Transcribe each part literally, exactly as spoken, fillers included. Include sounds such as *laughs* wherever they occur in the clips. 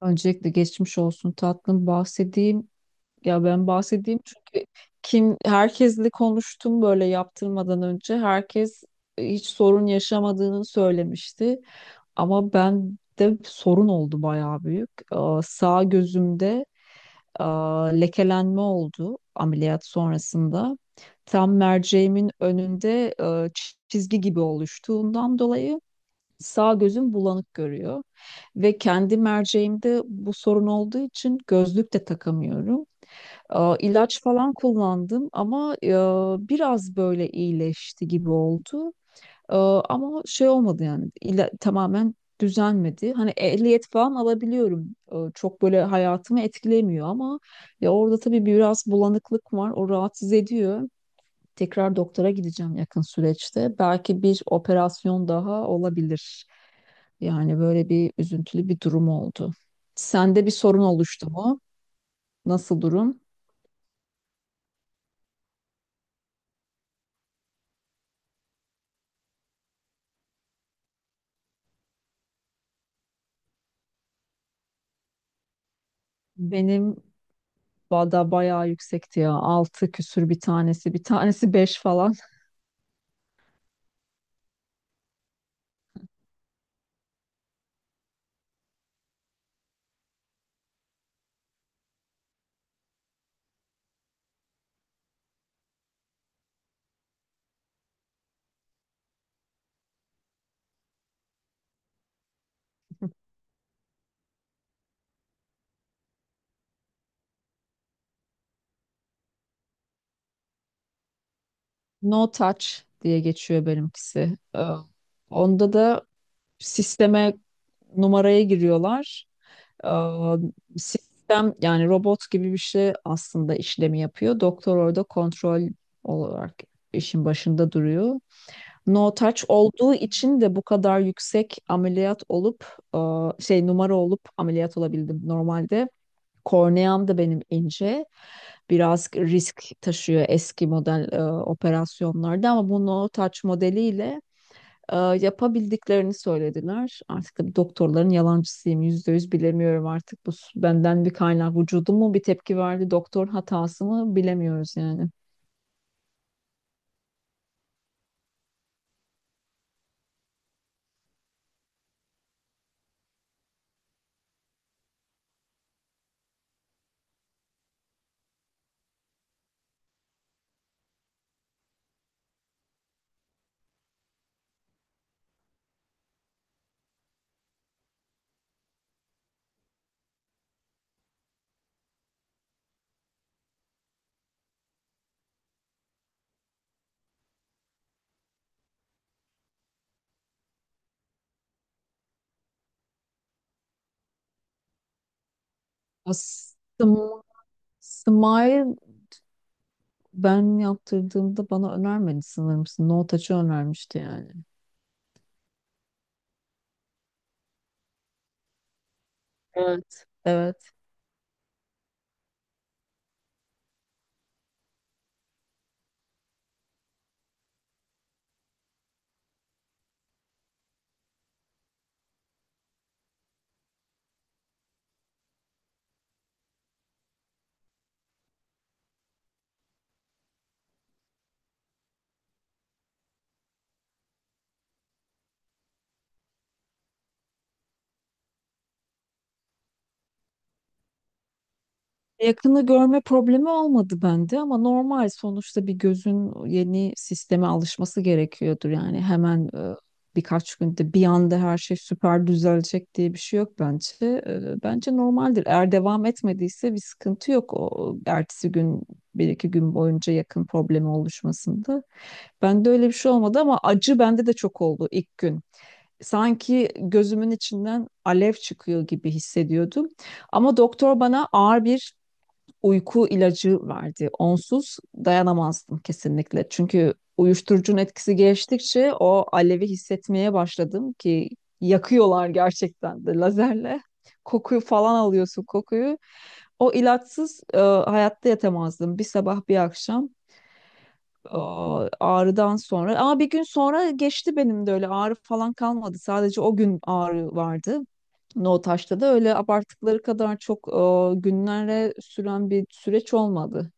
Öncelikle geçmiş olsun tatlım, bahsedeyim. Ya ben bahsedeyim, çünkü kim herkesle konuştum, böyle yaptırmadan önce herkes e, hiç sorun yaşamadığını söylemişti. Ama ben de sorun oldu, bayağı büyük. Aa, sağ gözümde aa, lekelenme oldu ameliyat sonrasında. Tam merceğimin önünde aa, çizgi gibi oluştuğundan dolayı sağ gözüm bulanık görüyor ve kendi merceğimde bu sorun olduğu için gözlük de takamıyorum. Aa, ilaç falan kullandım ama e, biraz böyle iyileşti gibi oldu. Ee, ama şey olmadı yani, ila- tamamen düzelmedi. Hani ehliyet falan alabiliyorum. Ee, çok böyle hayatımı etkilemiyor ama ya orada tabii biraz bulanıklık var. O rahatsız ediyor. Tekrar doktora gideceğim yakın süreçte. Belki bir operasyon daha olabilir. Yani böyle bir üzüntülü bir durum oldu. Sende bir sorun oluştu mu? Nasıl durum? Benim vada bayağı yüksekti ya. Altı küsür bir tanesi. Bir tanesi beş falan. No Touch diye geçiyor benimkisi. Ee, Onda da sisteme numaraya giriyorlar. Aa, Sistem yani robot gibi bir şey aslında işlemi yapıyor. Doktor orada kontrol olarak işin başında duruyor. No touch olduğu için de bu kadar yüksek ameliyat olup, aa, şey numara olup ameliyat olabildim. Normalde korneam da benim ince. Biraz risk taşıyor eski model e, operasyonlarda ama bu no touch modeliyle ee, yapabildiklerini söylediler. Artık da doktorların yalancısıyım. Yüzde yüz bilemiyorum artık. Bu s- benden bir kaynak. Vücudum mu bir tepki verdi? Doktor hatası mı? Bilemiyoruz yani. Aslında Smile ben yaptırdığımda bana önermedi sanırım. No Touch'ı önermişti yani. Evet. Evet. Yakını görme problemi olmadı bende ama normal, sonuçta bir gözün yeni sisteme alışması gerekiyordur. Yani hemen e, birkaç günde bir anda her şey süper düzelecek diye bir şey yok bence. E, bence normaldir. Eğer devam etmediyse bir sıkıntı yok, o ertesi gün bir iki gün boyunca yakın problemi oluşmasında. Bende öyle bir şey olmadı ama acı bende de çok oldu ilk gün. Sanki gözümün içinden alev çıkıyor gibi hissediyordum. Ama doktor bana ağır bir uyku ilacı verdi. Onsuz dayanamazdım kesinlikle. Çünkü uyuşturucunun etkisi geçtikçe o alevi hissetmeye başladım ki yakıyorlar gerçekten de lazerle. *laughs* Kokuyu falan alıyorsun, kokuyu. O ilaçsız e, hayatta yatamazdım. Bir sabah bir akşam Aa, ağrıdan sonra. Ama bir gün sonra geçti, benim de öyle ağrı falan kalmadı. Sadece o gün ağrı vardı. No taşta da öyle abarttıkları kadar çok e, günlere süren bir süreç olmadı.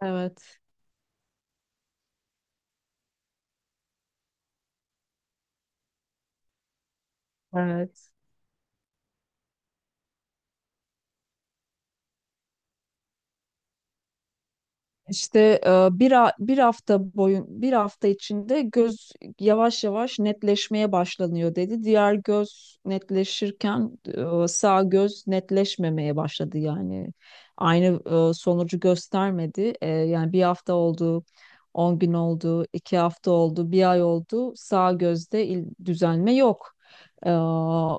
Evet. Evet. İşte e, bir, ha- bir hafta boyun bir hafta içinde göz yavaş yavaş netleşmeye başlanıyor dedi. Diğer göz netleşirken e, sağ göz netleşmemeye başladı yani. Aynı e, sonucu göstermedi. E, yani bir hafta oldu, on gün oldu, iki hafta oldu, bir ay oldu. Sağ gözde il- düzelme yok. E,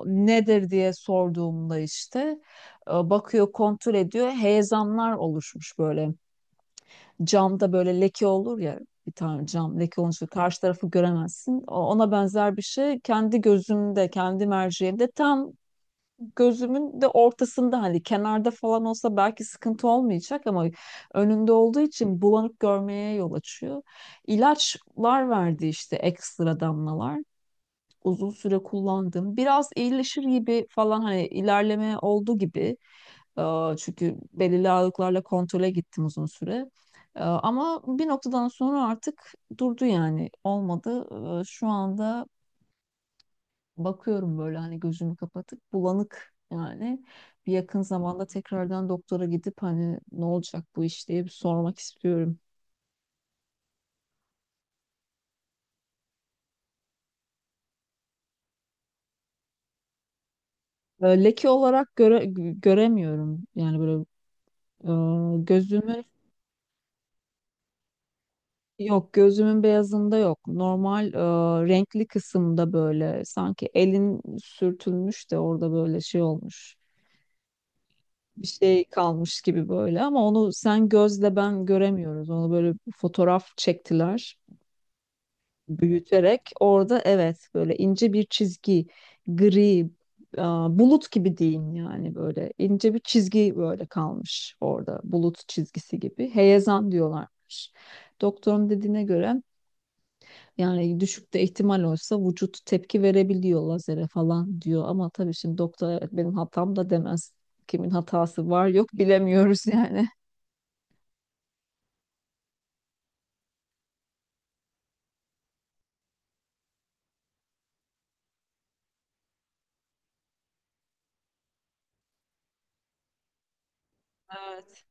nedir diye sorduğumda işte e, bakıyor, kontrol ediyor. Heyelanlar oluşmuş böyle, camda böyle leke olur ya, bir tane cam leke olunca karşı tarafı göremezsin. O- Ona benzer bir şey kendi gözümde, kendi merceğimde tam gözümün de ortasında, hani kenarda falan olsa belki sıkıntı olmayacak ama önünde olduğu için bulanık görmeye yol açıyor. İlaçlar verdi işte, ekstra damlalar. Uzun süre kullandım. Biraz iyileşir gibi falan, hani ilerleme oldu gibi. Ee, Çünkü belirli ağırlıklarla kontrole gittim uzun süre. Ee, Ama bir noktadan sonra artık durdu yani, olmadı. Ee, Şu anda bakıyorum böyle, hani gözümü kapatıp bulanık yani. Bir yakın zamanda tekrardan doktora gidip hani ne olacak bu iş diye bir sormak istiyorum. Ee, Leke olarak göre, göremiyorum yani, böyle e, gözümün Yok, gözümün beyazında yok. Normal e, renkli kısımda böyle, sanki elin sürtülmüş de orada böyle şey olmuş. Bir şey kalmış gibi böyle, ama onu sen gözle ben göremiyoruz. Onu böyle fotoğraf çektiler, büyüterek. Orada evet, böyle ince bir çizgi, gri e, bulut gibi diyeyim yani, böyle ince bir çizgi böyle kalmış orada, bulut çizgisi gibi. Heyelan diyorlarmış. Doktorun dediğine göre, yani düşük de ihtimal olsa vücut tepki verebiliyor lazere falan diyor. Ama tabii şimdi doktor evet benim hatam da demez. Kimin hatası var yok bilemiyoruz *laughs* yani. Evet.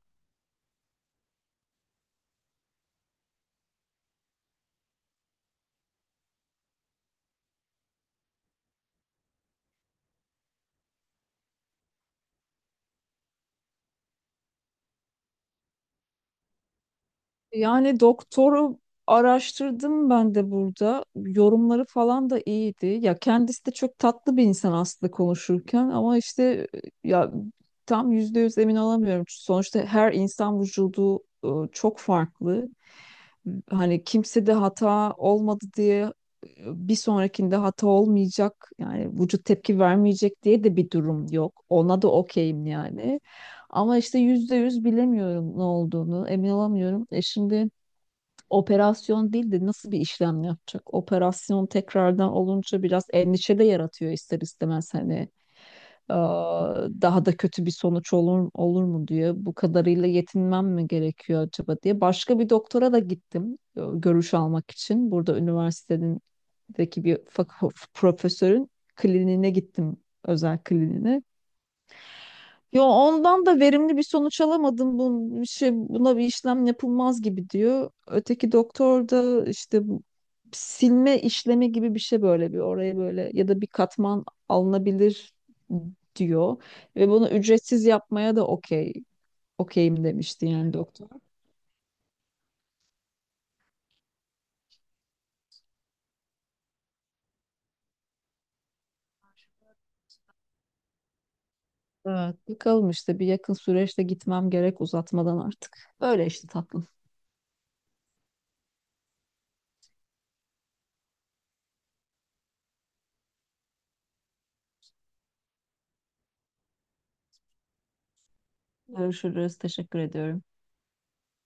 Yani doktoru araştırdım ben de burada. Yorumları falan da iyiydi. Ya kendisi de çok tatlı bir insan aslında konuşurken ama işte e, ya, tam yüzde yüz emin olamıyorum. Sonuçta her insan vücudu e, çok farklı. Hani kimse de hata olmadı diye e, bir sonrakinde hata olmayacak yani vücut tepki vermeyecek diye de bir durum yok. Ona da okeyim yani. Ama işte yüzde yüz bilemiyorum ne olduğunu, emin olamıyorum. E şimdi operasyon değil de nasıl bir işlem yapacak? Operasyon tekrardan olunca biraz endişe de yaratıyor ister istemez hani. Ee, Daha da kötü bir sonuç olur, olur mu diye bu kadarıyla yetinmem mi gerekiyor acaba diye başka bir doktora da gittim, e, görüş almak için. Burada üniversitedeki bir fak- profesörün kliniğine gittim, özel kliniğine. Yo, ondan da verimli bir sonuç alamadım. Bu bir şey, buna bir işlem yapılmaz gibi diyor. Öteki doktor da işte bu silme işlemi gibi bir şey, böyle bir oraya böyle ya da bir katman alınabilir diyor. Ve bunu ücretsiz yapmaya da okey okeyim demişti yani, doktor. Evet, bakalım işte bir yakın süreçte gitmem gerek uzatmadan artık. Böyle işte tatlım. Görüşürüz. Teşekkür ediyorum.